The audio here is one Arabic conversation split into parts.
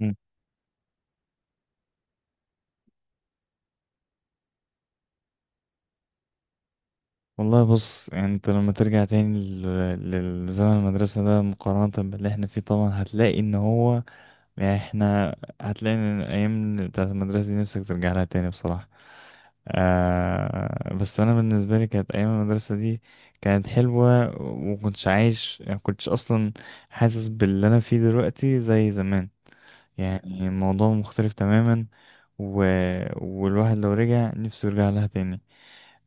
مم. والله بص، يعني انت لما ترجع تاني للزمن المدرسة ده مقارنة باللي احنا فيه طبعا هتلاقي ان هو يعني احنا هتلاقي ان الايام بتاعت المدرسة دي نفسك ترجع لها تاني بصراحة. آه، بس انا بالنسبة لي كانت ايام المدرسة دي كانت حلوة، ومكنتش عايش، يعني مكنتش اصلا حاسس باللي انا فيه دلوقتي زي زمان. يعني الموضوع مختلف تماما، و... والواحد لو رجع نفسه يرجع لها تاني.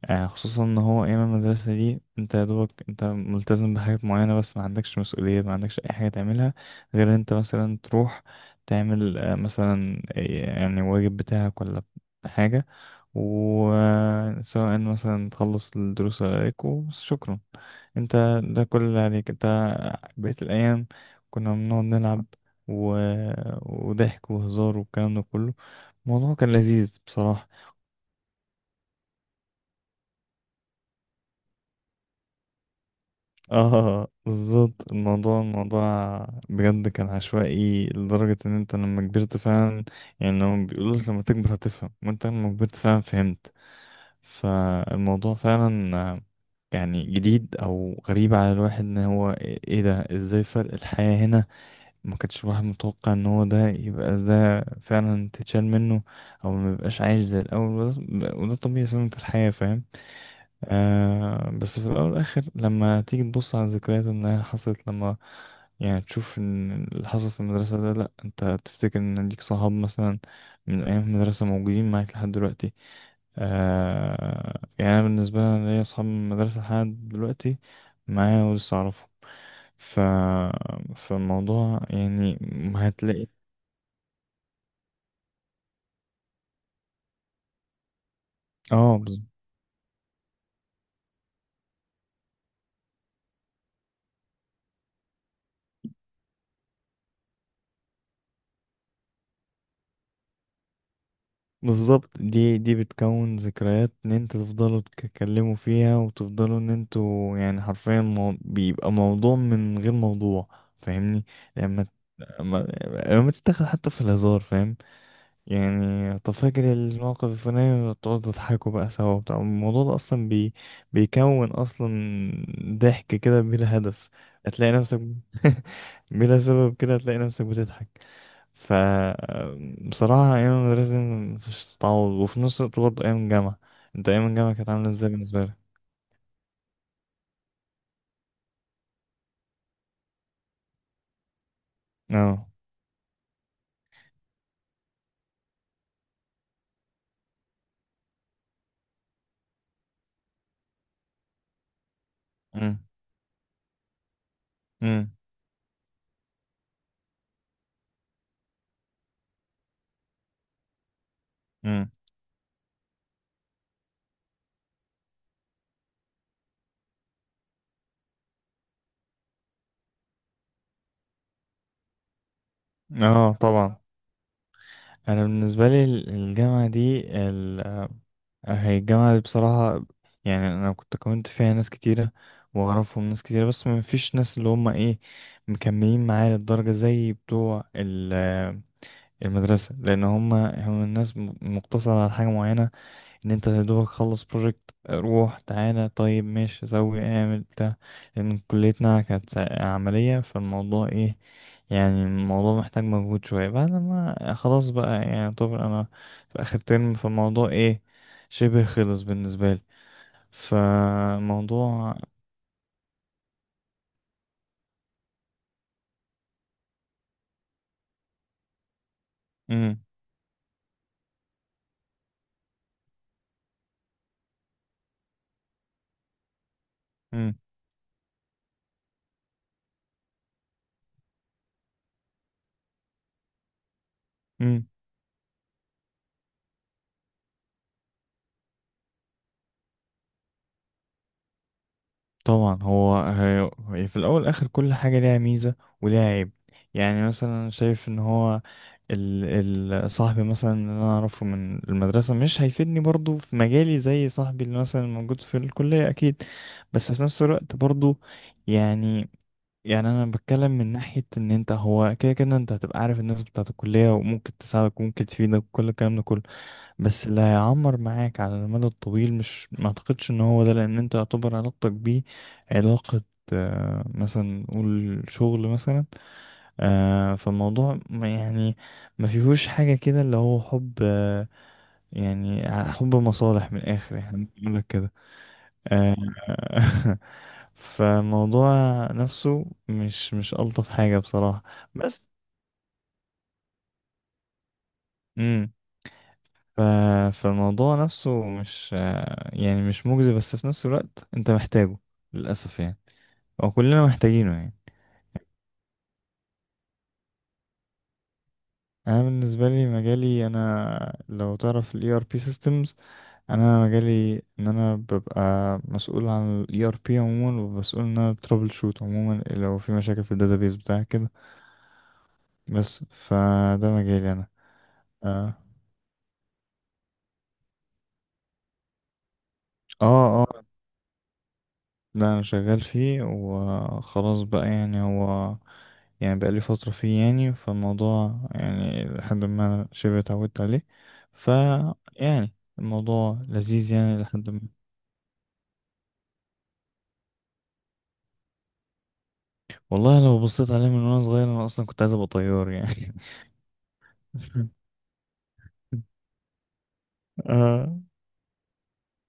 خصوصا ان هو ايام المدرسه دي انت يا دوبك انت ملتزم بحاجات معينه، بس ما عندكش مسؤوليه، ما عندكش اي حاجه تعملها غير إن انت مثلا تروح تعمل مثلا يعني واجب بتاعك ولا حاجه، وسواء مثلا تخلص الدروس اللي عليك وشكرا. انت ده كل اللي عليك انت. بقيت الايام كنا بنقعد نلعب و... آه، وضحك وهزار والكلام ده كله. الموضوع كان لذيذ بصراحه. اه بالظبط، الموضوع بجد كان عشوائي لدرجة ان انت لما كبرت فعلا، يعني لما بيقولوا لك لما تكبر هتفهم، وانت لما كبرت فعلا فهمت. فالموضوع فعلا يعني جديد او غريب على الواحد، ان هو ايه ده، ازاي فرق الحياة هنا. ما كانش الواحد متوقع ان هو ده يبقى ده فعلا تتشال منه، او ما يبقاش عايش زي الاول، وده وده طبيعي سنة الحياة، فاهم. آه، بس في الأول والآخر لما تيجي تبص على الذكريات إنها حصلت، لما يعني تشوف إن اللي حصل في المدرسة ده، لأ، أنت تفتكر إن ليك صحاب مثلا من أيام المدرسة موجودين معاك لحد دلوقتي. آه، يعني أنا بالنسبة لي أنا ليا صحاب من المدرسة لحد دلوقتي معايا ولسه أعرفهم. ف فالموضوع يعني هتلاقي. اه بالظبط، دي بتكون ذكريات ان انت تفضلوا تتكلموا فيها وتفضلوا ان انتوا يعني حرفيا بيبقى موضوع من غير موضوع. فاهمني؟ لما لما لما تتاخد حتى في الهزار، فاهم. يعني طب فاكر الموقف الفلاني، تقعدوا تضحكوا بقى سوا، بتاع الموضوع ده اصلا بي... بيكون اصلا ضحك كده بلا هدف. هتلاقي نفسك بلا سبب كده هتلاقي نفسك بتضحك. ف بصراحة أيام المدرسة دي مفيش تتعوض، وفي نفس الوقت برضه أيام الجامعة، أنت أيام الجامعة كانت عاملة إزاي بالنسبة لك؟ أه. أمم. أمم. أمم. أه طبعا، أنا بالنسبة لي الجامعة دي، هي الجامعة دي بصراحة يعني أنا كنت كونت فيها ناس كتيرة وأعرفهم ناس كتيرة، بس ما فيش ناس اللي هما إيه، مكملين معايا للدرجة زي بتوع المدرسة، لأن هما هم الناس مقتصرة على حاجة معينة، ان انت يا دوبك خلص بروجكت روح تعالى طيب ماشي سوي اعمل بتاع. لان كليتنا كانت عملية، فالموضوع ايه، يعني الموضوع محتاج مجهود شوية. بعد ما خلاص بقى، يعني طبعا انا في اخر ترم، فالموضوع ايه، شبه خلص بالنسبة لي. فالموضوع. مم. مم. مم. طبعا هو هي في الاول والاخر كل حاجه ليها ميزه وليها عيب. يعني مثلا شايف ان هو ال ال صاحبي مثلا اللي انا اعرفه من المدرسه مش هيفيدني برضو في مجالي زي صاحبي اللي مثلا موجود في الكليه اكيد. بس في نفس الوقت برضو، يعني يعني انا بتكلم من ناحيه ان انت هو كده كده انت هتبقى عارف الناس بتاعه الكليه، وممكن تساعدك وممكن تفيدك وكل الكلام ده كله. بس اللي هيعمر معاك على المدى الطويل مش، ما اعتقدش ان هو ده، لان انت يعتبر علاقتك بيه علاقة مثلا نقول شغل مثلا. فالموضوع يعني ما فيهوش حاجة كده اللي هو حب، يعني حب مصالح من الآخر، يعني بقول لك كده. آه. فالموضوع نفسه مش ألطف حاجة بصراحة، بس. ف... فالموضوع نفسه مش يعني مش مجزي، بس في نفس الوقت انت محتاجه، للأسف يعني. هو كلنا محتاجينه يعني. انا بالنسبه لي مجالي، انا لو تعرف ال ERP systems، انا مجالي ان انا ببقى مسؤول عن ال ERP عموما، ومسؤول ان انا trouble shoot عموما لو في مشاكل في ال database بتاعك كده. بس فده مجالي انا. اه. اه. لا انا شغال فيه وخلاص بقى، يعني هو يعني بقالي فترة فيه، يعني فالموضوع يعني لحد ما شبه اتعودت عليه. ف يعني الموضوع لذيذ يعني لحد ما. والله لو بصيت عليه من وانا صغير، انا اصلا كنت عايز ابقى طيار يعني. اه.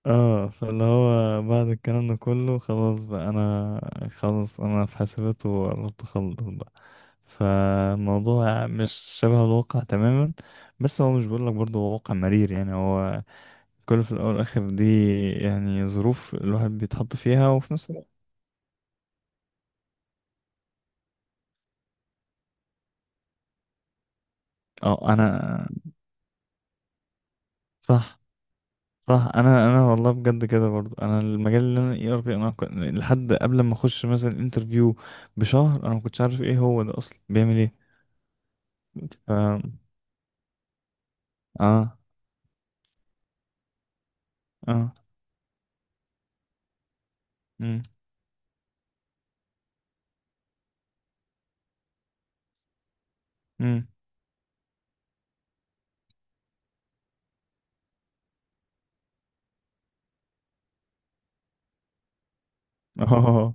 اه، فاللي هو بعد الكلام ده كله خلاص بقى، انا خلاص انا في حاسبات وقربت اخلص بقى. فالموضوع مش شبه الواقع تماما، بس هو مش بقول لك برضه، هو واقع مرير يعني. هو كله في الاول والاخر دي يعني ظروف الواحد بيتحط فيها، وفي نفس الوقت. اه. انا صح. صح، انا انا والله بجد كده برضه، انا المجال اللي انا اي ار بي، انا لحد قبل ما اخش مثلا انترفيو بشهر، انا ما كنتش عارف ايه هو ده اصلا بيعمل ايه. ف. اه. اه. امم. امم. اه.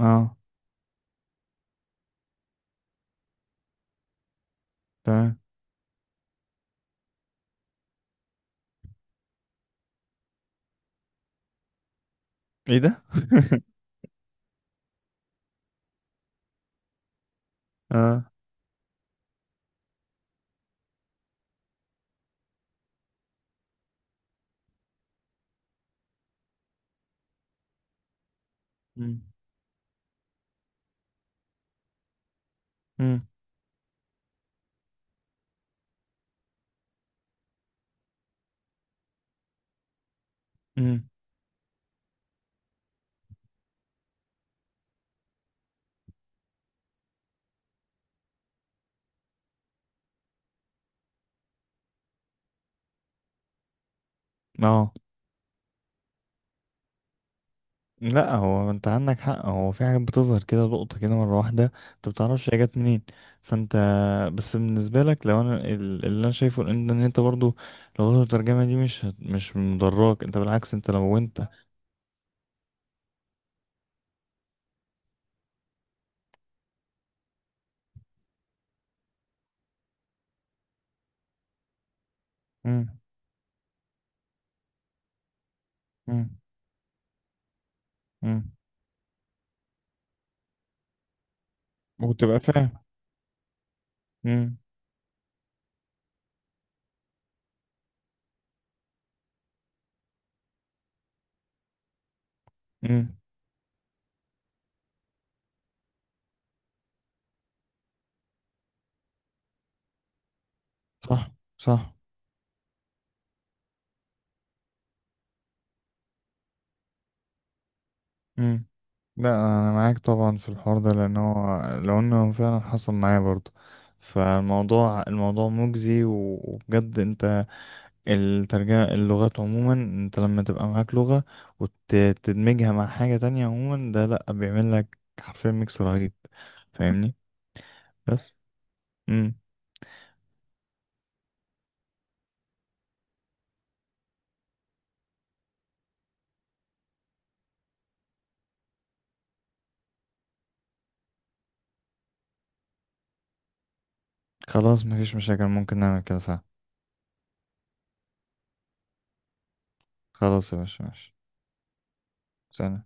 اه. تمام. ايه ده. اه. امم. امم. اه لا، هو انت عندك حق، هو في حاجات بتظهر كده لقطة كده مرة واحدة انت بتعرفش هي جت منين. فانت، بس بالنسبة لك، لو انا اللي انا شايفه ان ان انت برضو لو غلطت الترجمة دي، مش مش مضراك انت، بالعكس انت لو انت. امم. امم. امم. وتبقى فاهم. امم. امم. صح. صح. امم. لا انا معاك طبعا في الحوار ده، لان هو لو انه فعلا حصل معايا برضو. فالموضوع مجزي، وبجد انت الترجمة، اللغات عموما انت لما تبقى معاك لغة وتدمجها مع حاجة تانية عموما، ده لأ، بيعمل لك حرفيا ميكس رهيب. فاهمني؟ بس. امم. خلاص مفيش مشاكل، ممكن نعمل كده فعلا. خلاص يا باشا ماشي. سلام.